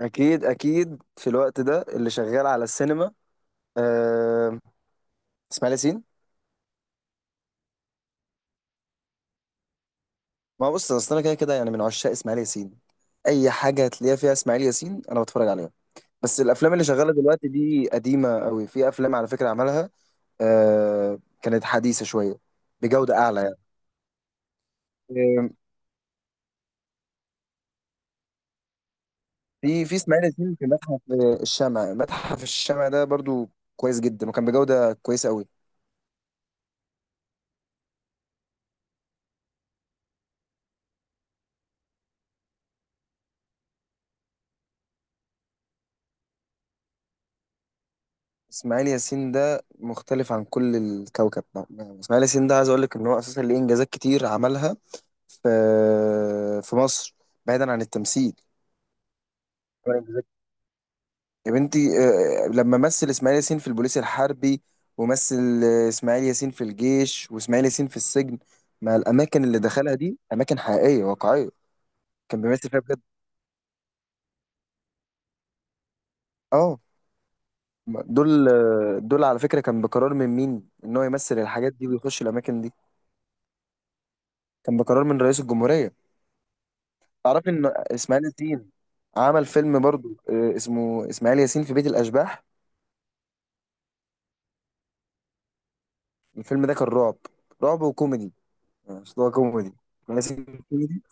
اكيد اكيد في الوقت ده اللي شغال على السينما. آه. اسماعيل ياسين. ما هو بص، اصل انا كده كده يعني من عشاق اسماعيل ياسين، اي حاجه هتلاقيها فيها اسماعيل ياسين انا بتفرج عليها. بس الافلام اللي شغاله دلوقتي دي قديمه قوي، في افلام على فكره عملها. آه، كانت حديثه شويه. بجوده اعلى يعني. آه، في اسماعيل ياسين في متحف، الشمع، متحف الشمع ده برضو كويس جدا وكان بجوده كويسه قوي. اسماعيل ياسين ده مختلف عن كل الكوكب بقى. يعني اسماعيل ياسين ده، عايز اقول لك ان هو اساسا ليه انجازات كتير عملها في في مصر، بعيدا عن التمثيل. يا بنتي، لما مثل اسماعيل ياسين في البوليس الحربي، ومثل اسماعيل ياسين في الجيش، واسماعيل ياسين في السجن. ما الاماكن اللي دخلها دي اماكن حقيقيه واقعيه، كان بيمثل فيها بجد. اه. دول على فكره كان بقرار من مين ان هو يمثل الحاجات دي ويخش الاماكن دي. كان بقرار من رئيس الجمهوريه. تعرفي ان اسماعيل ياسين عمل فيلم برضو، اسمه اسماعيل ياسين في بيت الاشباح. الفيلم ده كان رعب، رعب وكوميدي. يعني أصل هو كوميدي. اسماعيل ياسين كوميدي.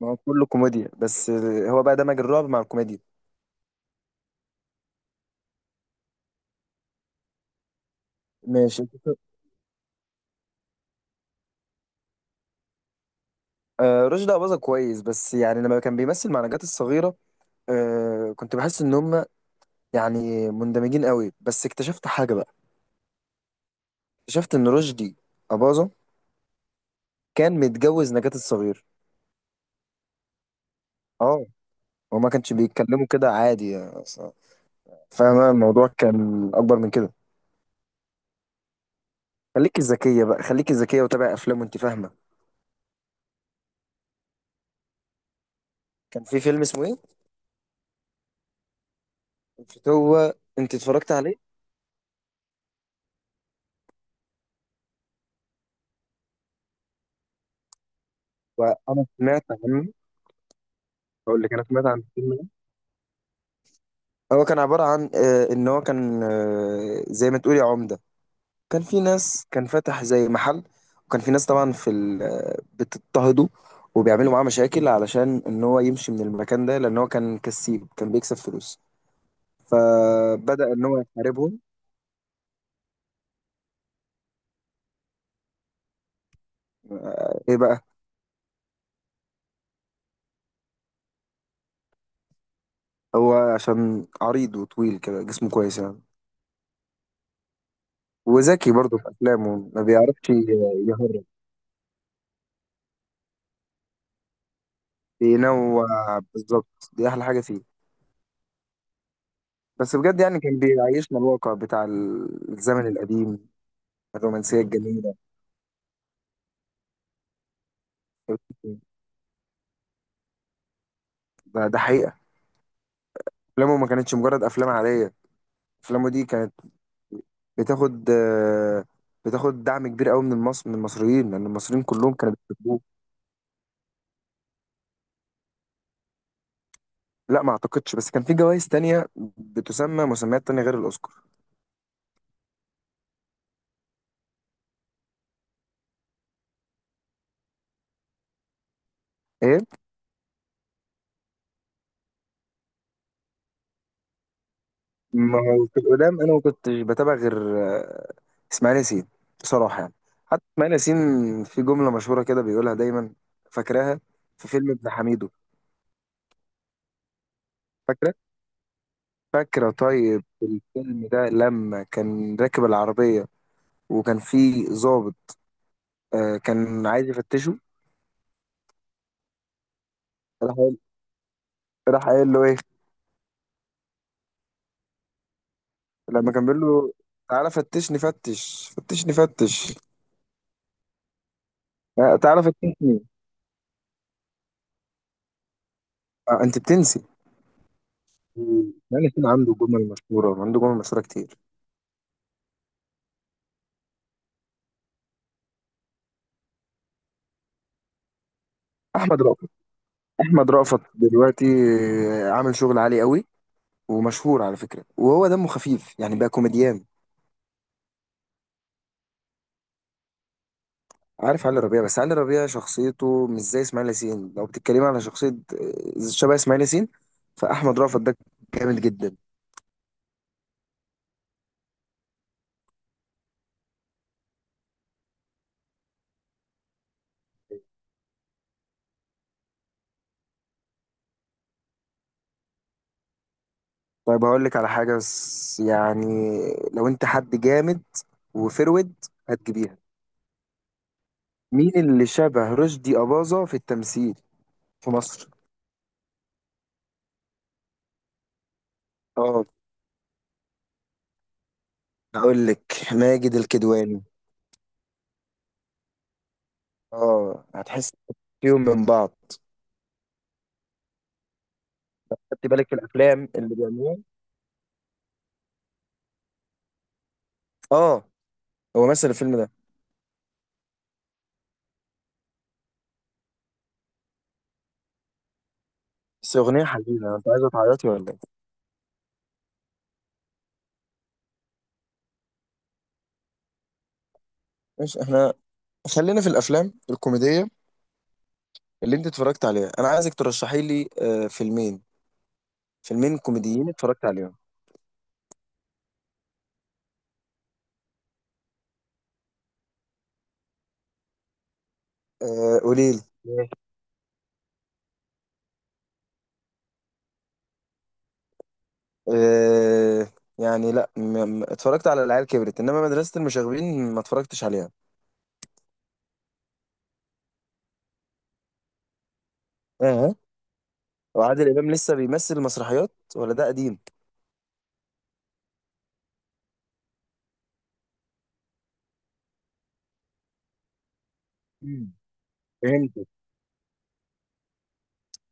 ما هو كله كوميديا، بس هو بقى دمج الرعب مع الكوميديا. ماشي. رشدي أباظة كويس، بس يعني لما كان بيمثل مع نجاة الصغيرة، كنت بحس ان هم يعني مندمجين قوي، بس اكتشفت حاجة بقى. اكتشفت ان رشدي أباظة كان متجوز نجاة الصغيرة. اه. وما كانش بيتكلموا كده عادي يعني. فاهمة؟ الموضوع كان أكبر من كده. خليكي ذكية بقى، خليكي ذكية وتابعي أفلام وأنت فاهمة. كان في فيلم اسمه إيه؟ هو. أنت اتفرجت عليه؟ وأنا سمعت عنه. أقول لك، أنا سمعت عن الفيلم ده. هو كان عبارة عن إن هو كان زي ما تقولي عمدة. كان في ناس، كان فاتح زي محل، وكان في ناس طبعا في ال- آه، بتضطهده وبيعملوا معاه مشاكل علشان إن هو يمشي من المكان ده، لأن هو كان كسيب، كان بيكسب فلوس. فبدأ إن هو يحاربهم. إيه بقى؟ هو عشان عريض وطويل كده، جسمه كويس يعني. وذكي برضه في أفلامه، ما بيعرفش يهرب. بينوع، بالظبط دي أحلى حاجة فيه. بس بجد يعني كان بيعيشنا الواقع بتاع الزمن القديم، الرومانسية الجميلة. ده حقيقة. أفلامه ما كانتش مجرد أفلام عادية، أفلامه دي كانت بتاخد آه، بتاخد دعم كبير قوي من المصريين، لأن المصريين كلهم كانوا بيحبوه. لا، ما أعتقدش، بس كان في جوائز تانية بتسمى مسميات تانية غير الأوسكار. إيه؟ ما هو في القدام انا ما كنتش بتابع غير اسماعيل ياسين، بصراحه يعني. حتى اسماعيل ياسين في جمله مشهوره كده بيقولها دايما، فاكراها؟ في فيلم ابن حميدو. فاكره؟ فاكره طيب الفيلم ده لما كان راكب العربيه، وكان في ضابط كان عايز يفتشه. راح قايل راح قايل له ايه؟ لما كان بيقول له تعالى فتشني فتش، فتشني فتش. تعالى فتشني. انت بتنسي. اسماعيل ياسين عنده جمل مشهوره، وعنده جمل مشهوره كتير. احمد رأفت. احمد رأفت دلوقتي عامل شغل عالي قوي، ومشهور على فكره، وهو دمه خفيف يعني بقى كوميديان. عارف علي ربيع، بس علي ربيع شخصيته مش زي اسماعيل ياسين. لو بتتكلمي على شخصيه شبه اسماعيل ياسين، فاحمد رأفت ده جامد جدا. طيب هقول لك على حاجه، بس يعني لو انت حد جامد وفرود هتجيبيها. مين اللي شبه رشدي أباظة في التمثيل في مصر؟ اه، هقول لك. ماجد الكدواني. اه، هتحس فيهم من بعض. خدت بالك في الافلام اللي بيعملوها؟ اه، هو مثل الفيلم ده. بس اغنيه حزينه، انت عايزه تعيطي ولا ايه؟ ماشي، احنا خلينا في الافلام الكوميديه. اللي انت اتفرجت عليها، انا عايزك ترشحي لي فيلمين، فيلمين كوميديين اتفرجت عليهم. قولي لي. إيه؟ آه، يعني لا، اتفرجت على العيال كبرت، انما مدرسه المشاغبين ما اتفرجتش عليها. اه. وعادل امام لسه بيمثل مسرحيات ولا ده قديم؟ مم. فهمت.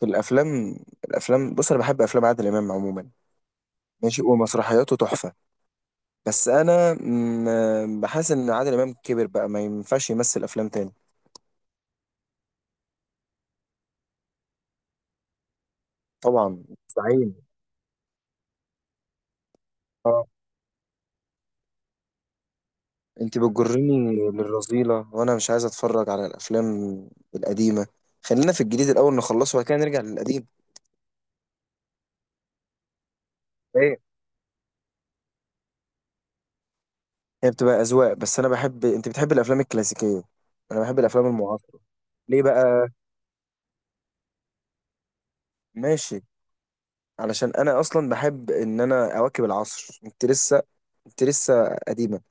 في الافلام الافلام بص، انا بحب افلام عادل امام عموما. ماشي، ومسرحياته تحفة. بس أنا بحس إن عادل إمام كبر بقى، ما ينفعش يمثل أفلام تاني. طبعا مستحيل. اه. أنت بتجرني للرذيلة، وأنا مش عايز أتفرج على الأفلام القديمة. خلينا في الجديد الأول نخلصه، وبعد كده نرجع للقديم. ايه؟ هي بتبقى أذواق. بس أنا بحب أنت بتحب الأفلام الكلاسيكية، أنا بحب الأفلام المعاصرة. ليه بقى؟ ماشي، علشان أنا أصلا بحب إن أنا أواكب العصر. أنت لسه قديمة.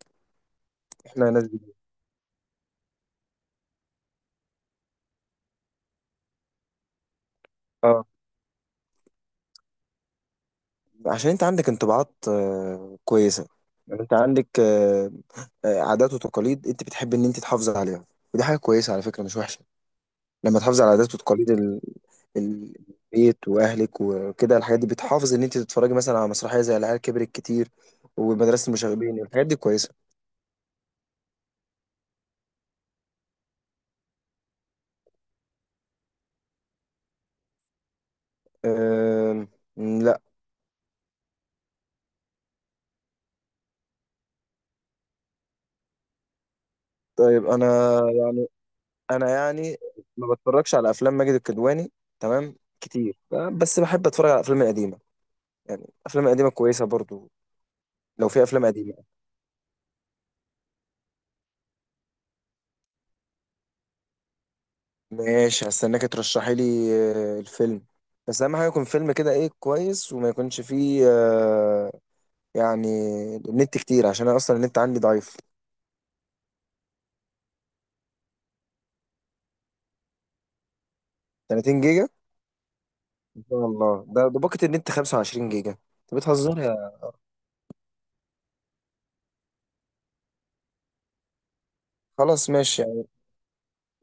إحنا ناس جديدة. اه، عشان انت عندك انطباعات كويسة. يعني انت عندك عادات وتقاليد انت بتحب ان انت تحافظ عليها، ودي حاجة كويسة على فكرة، مش وحشة. لما تحافظ على عادات وتقاليد ال- البيت واهلك وكده، الحاجات دي بتحافظ ان انت تتفرجي مثلا على مسرحية زي العيال كبرت كتير، ومدرسة المشاغبين. الحاجات دي كويسة. آم، لا. طيب انا، يعني ما بتفرجش على افلام ماجد الكدواني تمام كتير. بس بحب اتفرج على الافلام القديمة، يعني الافلام القديمة كويسة برضو. لو في افلام قديمه، ماشي، هستناك ترشحي لي الفيلم. بس اهم حاجه يكون فيلم كده ايه كويس، وما يكونش فيه يعني النت كتير، عشان انا اصلا النت عندي ضعيف. 30 جيجا؟ ان شاء الله، ده باقة النت 25 جيجا، انت بتهزر يا. خلاص ماشي يعني،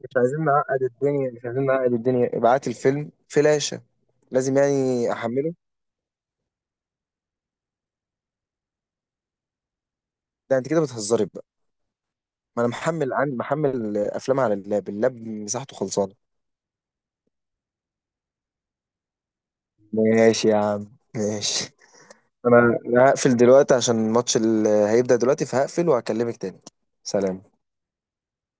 مش عايزين نعقد الدنيا، مش عايزين نعقد الدنيا، ابعت الفيلم فلاشة. لازم يعني احمله. ده انت كده بتهزري بقى. ما انا محمل عن محمل افلام على اللاب، اللاب مساحته خلصانه. ماشي يا عم. ماشي. أنا هقفل دلوقتي عشان الماتش اللي هيبدأ دلوقتي، فهقفل وهكلمك تاني. سلام.